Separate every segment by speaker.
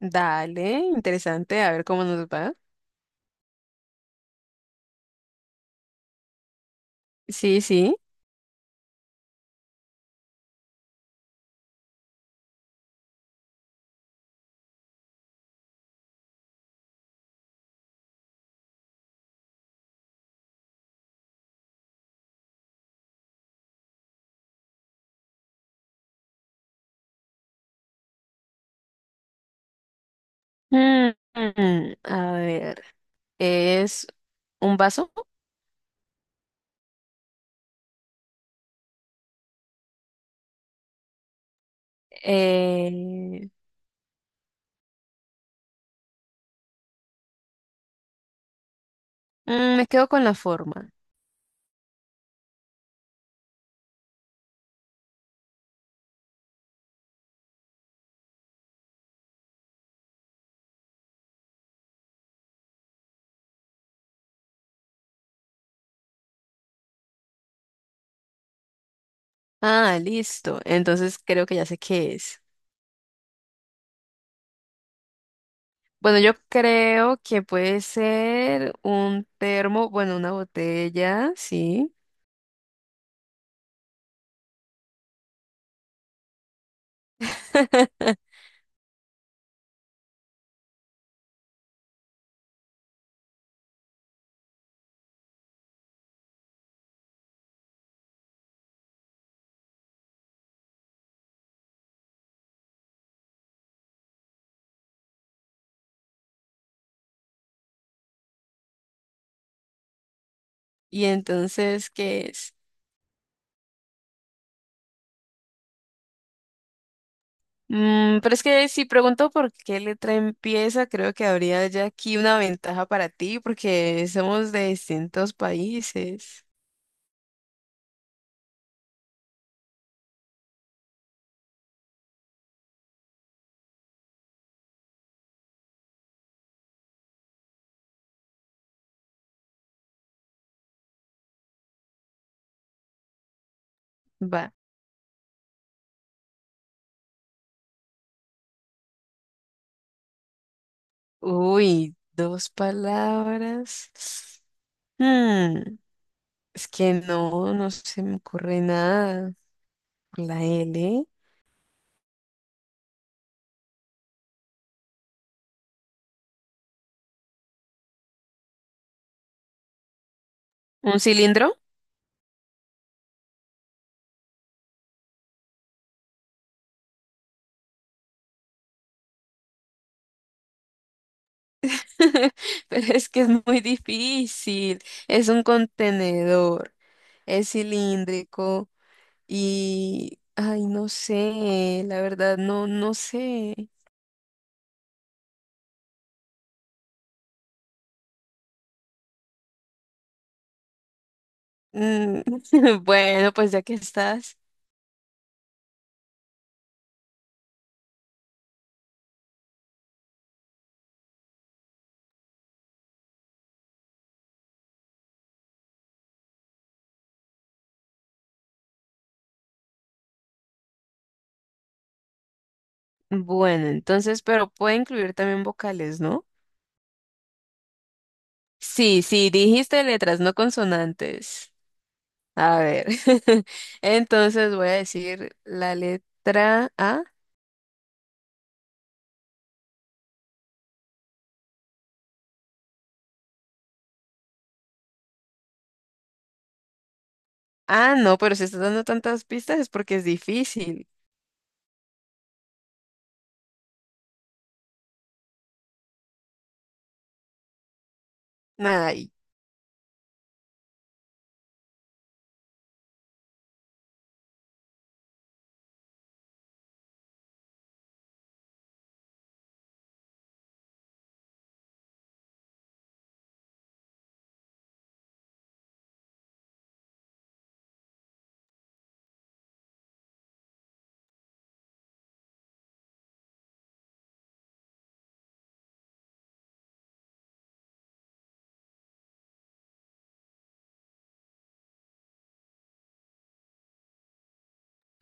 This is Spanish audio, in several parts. Speaker 1: Dale, interesante, a ver cómo nos va. Sí, sí. Mm, a ver, es un vaso. Eh, me quedo con la forma. Ah, listo. Entonces creo que ya sé qué es. Bueno, yo creo que puede ser un termo, bueno, una botella, sí. Y entonces, ¿qué es? Mm, pero es que si pregunto por qué letra empieza, creo que habría ya aquí una ventaja para ti, porque somos de distintos países. Va. Uy, dos palabras. Mm, es que no se me ocurre nada. La L. ¿Un cilindro? Pero es que es muy difícil. Es un contenedor. Es cilíndrico. Y, ay, no sé, la verdad, no sé. Mm, bueno, pues ya que estás. Bueno, entonces, pero puede incluir también vocales, ¿no? Sí, sí, dijiste letras, no consonantes. A ver. Entonces voy a decir la letra A. Ah, no, pero si estás dando tantas pistas es porque es difícil. Ay.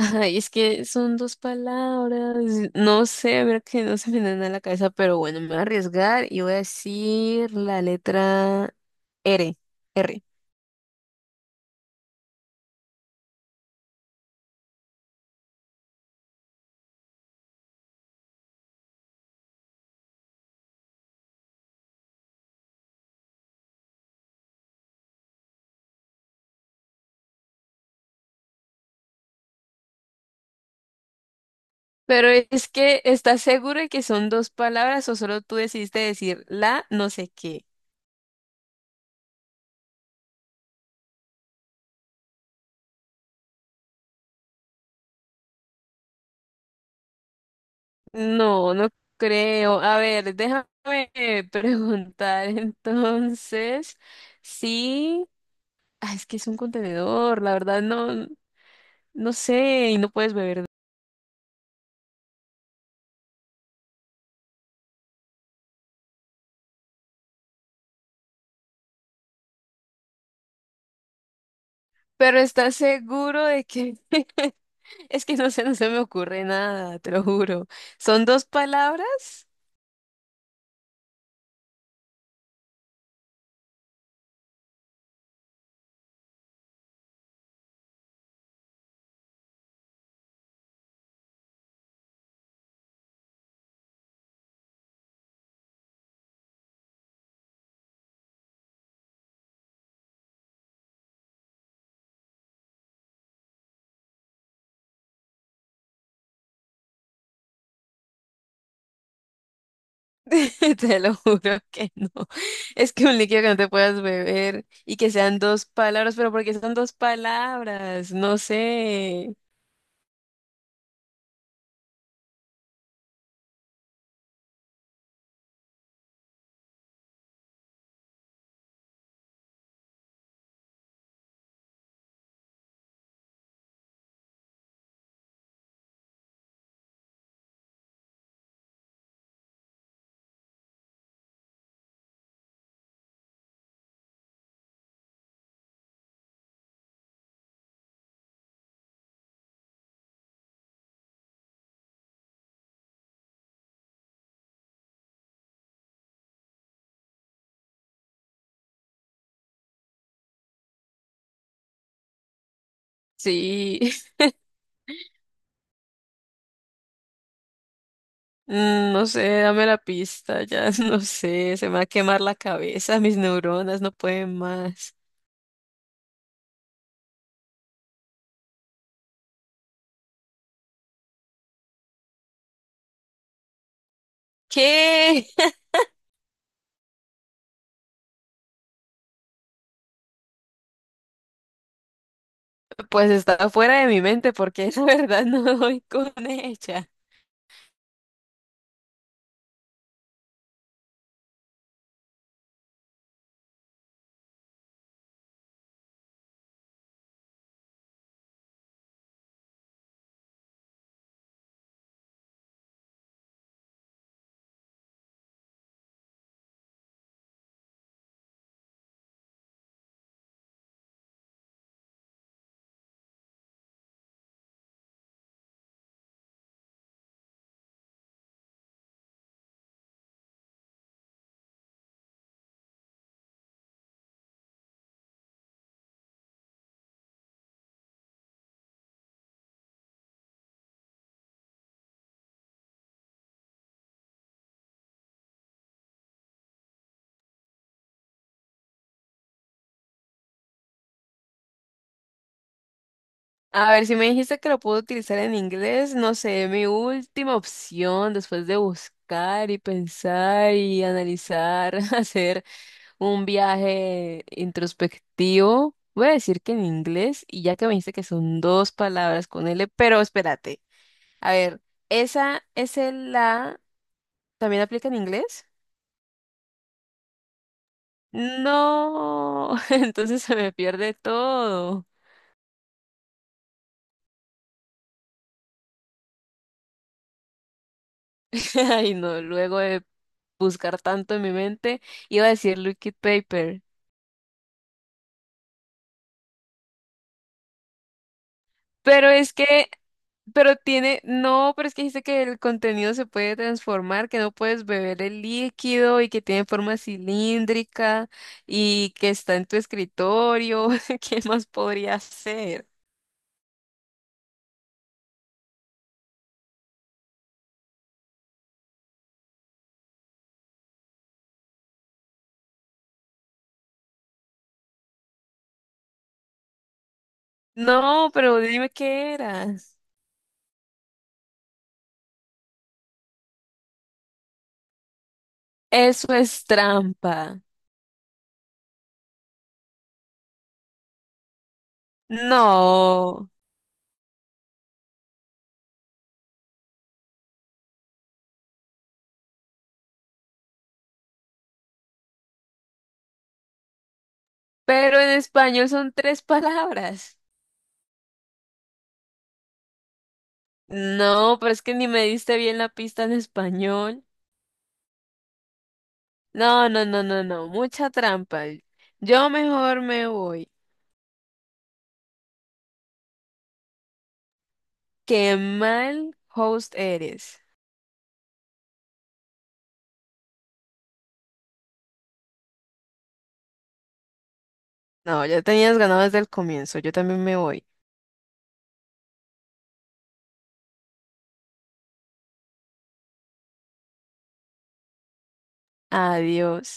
Speaker 1: Ay, es que son dos palabras. No sé, ver que no se me dan a la cabeza, pero bueno, me voy a arriesgar y voy a decir la letra R, R. Pero es que, ¿estás seguro de que son dos palabras o solo tú decidiste decir la no sé qué? No, no creo. A ver, déjame preguntar entonces. Sí, ah, es que es un contenedor, la verdad no sé y no puedes beber. Pero ¿estás seguro de que... Es que no sé, no se me ocurre nada, te lo juro. ¿Son dos palabras? Te lo juro que no. Es que un líquido que no te puedas beber y que sean dos palabras, pero porque son dos palabras. No sé. Sí, mm, no sé, dame la pista, ya no sé, se me va a quemar la cabeza, mis neuronas no pueden más. ¿Qué? Pues está fuera de mi mente porque la verdad no doy con ella. A ver, si me dijiste que lo puedo utilizar en inglés, no sé, mi última opción después de buscar y pensar y analizar, hacer un viaje introspectivo, voy a decir que en inglés, y ya que me dijiste que son dos palabras con L, pero espérate, a ver, ¿esa es la también aplica en inglés? No, entonces se me pierde todo. Ay, no, luego de buscar tanto en mi mente, iba a decir liquid paper. Pero es que, pero tiene, no, pero es que dice que el contenido se puede transformar, que no puedes beber el líquido y que tiene forma cilíndrica y que está en tu escritorio. ¿Qué más podría ser? No, pero dime qué eras. Eso es trampa. No, pero en español son tres palabras. No, pero es que ni me diste bien la pista en español. No, no, no, no, no, mucha trampa. Yo mejor me voy. Qué mal host eres. No, ya tenías ganado desde el comienzo, yo también me voy. Adiós.